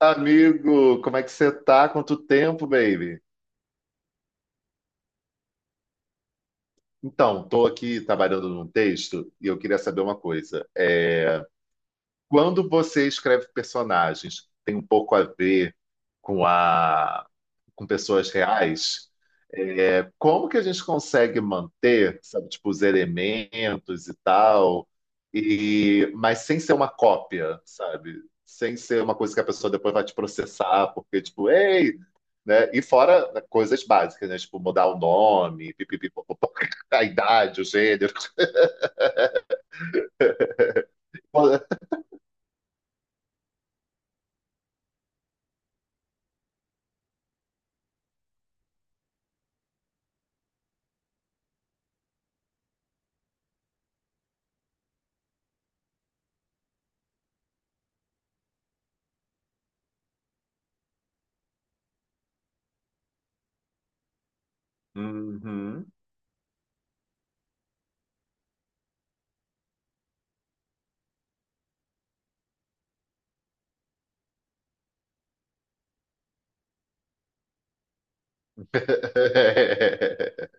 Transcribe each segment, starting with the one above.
Amigo, como é que você tá? Quanto tempo, baby? Tô aqui trabalhando num texto e eu queria saber uma coisa. Quando você escreve personagens, tem um pouco a ver com a, com pessoas reais, como que a gente consegue manter, sabe, tipo, os elementos e tal, e mas sem ser uma cópia, sabe? Sem ser uma coisa que a pessoa depois vai te processar, porque, tipo, ei, né? E fora né, coisas básicas, né? Tipo, mudar o nome, pipipi, popopó, a idade, o gênero. Uhum.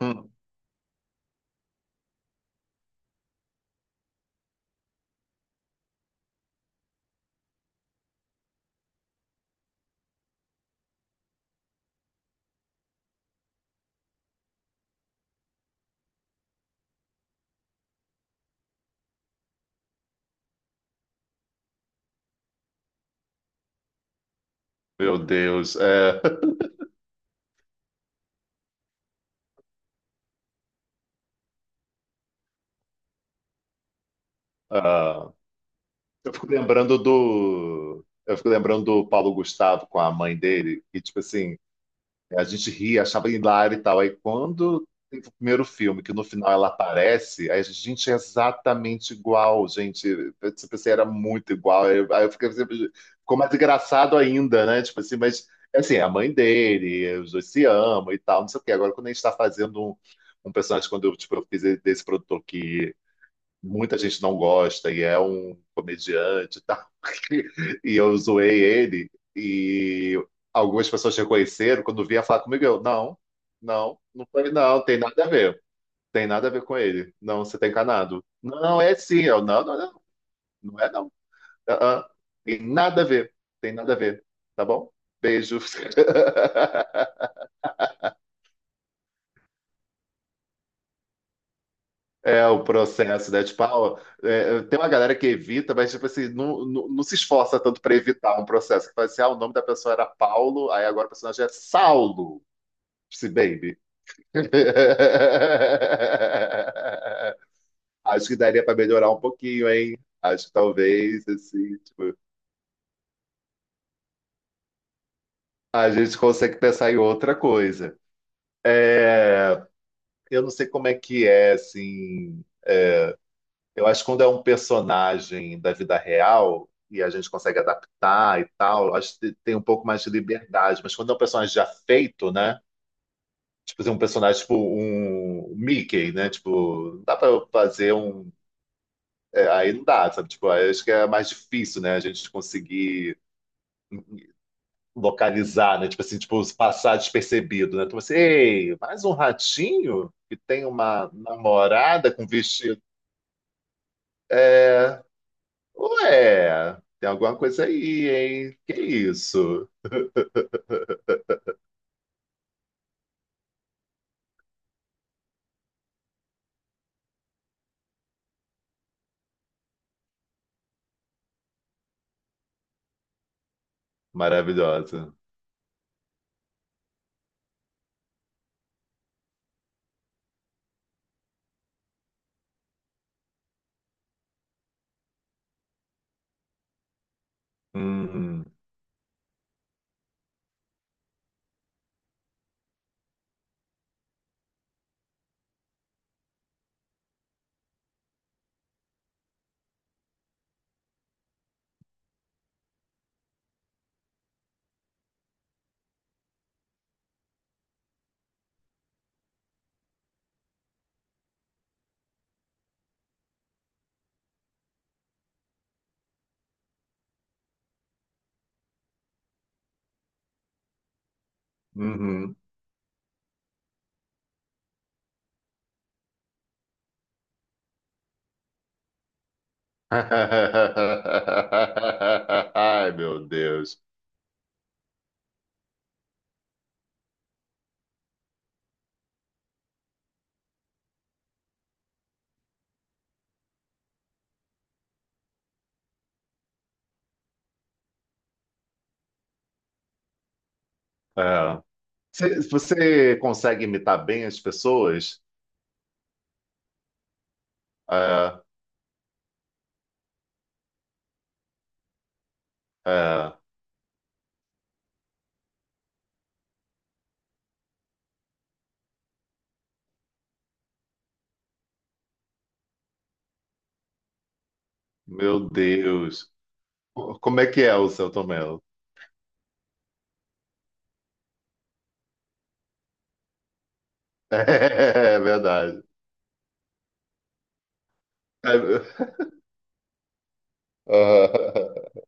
Hum, meu Deus. É. Ah. Eu fico lembrando do Paulo Gustavo com a mãe dele, e tipo assim, a gente ria, achava hilário e tal. Aí quando tem o primeiro filme, que no final ela aparece, aí a gente, gente, é exatamente igual, gente. Eu, tipo assim, era muito igual. Aí eu fiquei sempre. Ficou mais engraçado ainda, né? Tipo assim, mas assim, é a mãe dele, os dois se amam e tal, não sei o quê. Agora, quando a gente está fazendo um, um personagem, quando eu, tipo, eu fiz desse produtor que muita gente não gosta e é um comediante e tal. E eu zoei ele e algumas pessoas reconheceram quando vinha falar comigo, eu, não, não foi, não, tem nada a ver. Tem nada a ver com ele. Não, você tá encanado. Não, não, é sim. Eu, não, não é não. Ah, ah. Tem nada a ver. Tem nada a ver. Tá bom? Beijo. É o processo, né? Tipo, ah, ó, tem uma galera que evita, mas tipo assim, não se esforça tanto para evitar um processo. Que fala assim, ah, o nome da pessoa era Paulo, aí agora o personagem é Saulo, se baby. Acho que daria para melhorar um pouquinho, hein? Acho que talvez, assim, tipo, a gente consegue pensar em outra coisa. É, Eu não sei como é que é, assim. Eu acho que quando é um personagem da vida real e a gente consegue adaptar e tal, eu acho que tem um pouco mais de liberdade. Mas quando é um personagem já feito, né? Tipo, assim, um personagem tipo um Mickey, né? Tipo, não dá pra fazer um. É, aí não dá, sabe? Tipo, aí eu acho que é mais difícil, né? A gente conseguir localizar, né? Tipo assim, tipo, passar despercebido, né? Então, assim, ei, mais um ratinho que tem uma namorada com vestido. É, ué, tem alguma coisa aí, hein? Que isso? Maravilhosa. Uhum, uhum. Ai, meu Deus. É. Você consegue imitar bem as pessoas? É, é. Meu Deus. Como é que é o seu Tomelo? É, verdade. É.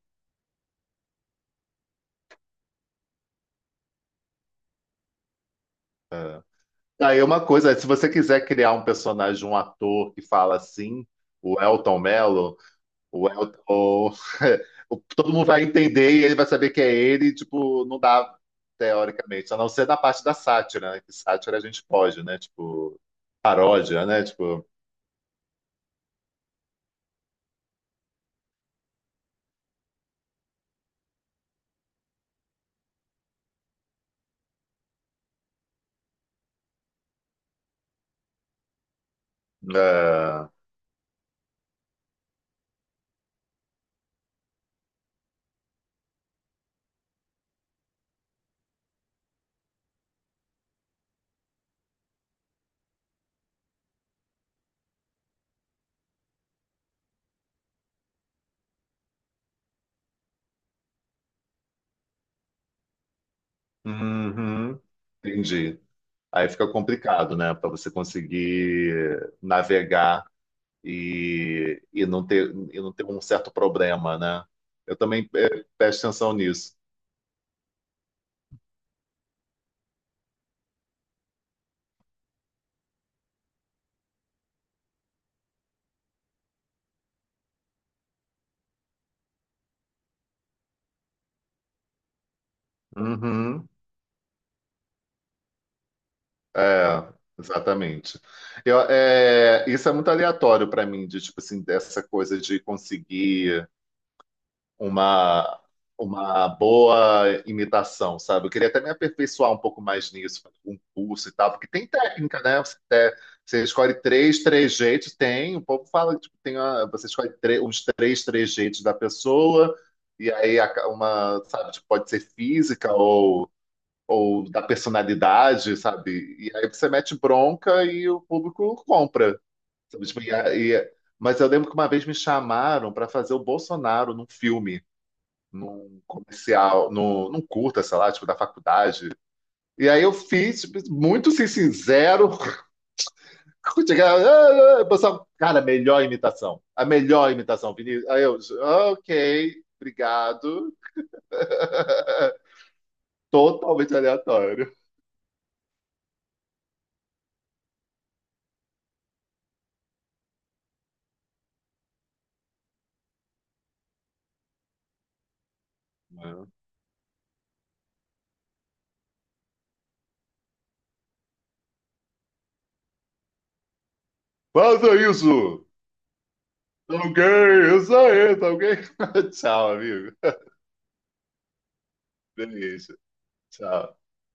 É. Aí uma coisa, se você quiser criar um personagem, um ator que fala assim, o Elton Mello, O, El- o, todo mundo vai entender e ele vai saber que é ele, e, tipo, não dá, teoricamente, a não ser na parte da sátira, né? Que sátira a gente pode, né? Tipo, paródia, né? Tipo, ah, uhum, entendi. Aí fica complicado, né? Para você conseguir navegar e, não ter, e não ter um certo problema, né? Eu também presto atenção nisso. Uhum. É, exatamente. Eu, é, isso é muito aleatório para mim, de tipo assim, dessa coisa de conseguir uma, uma boa imitação, sabe? Eu queria até me aperfeiçoar um pouco mais nisso, fazer um curso e tal, porque tem técnica, né? Você escolhe três jeitos, tem, o povo fala, tipo, você escolhe três jeitos da pessoa, uma, sabe, tipo, pode ser física ou da personalidade, sabe? E aí você mete bronca e o público compra. Sabe? Mas eu lembro que uma vez me chamaram para fazer o Bolsonaro num filme, num comercial, num, num curta, sei lá, tipo, da faculdade. E aí eu fiz, tipo, muito assim, sincero. Chegava, "Ah, ah", o pessoal, cara, a melhor imitação. A melhor imitação, Vinícius. Aí eu, ok, obrigado. Totalmente aleatório. É. Faça isso! Tá ok, isso aí, tá ok? Tchau, amigo. Beijo. Tchau.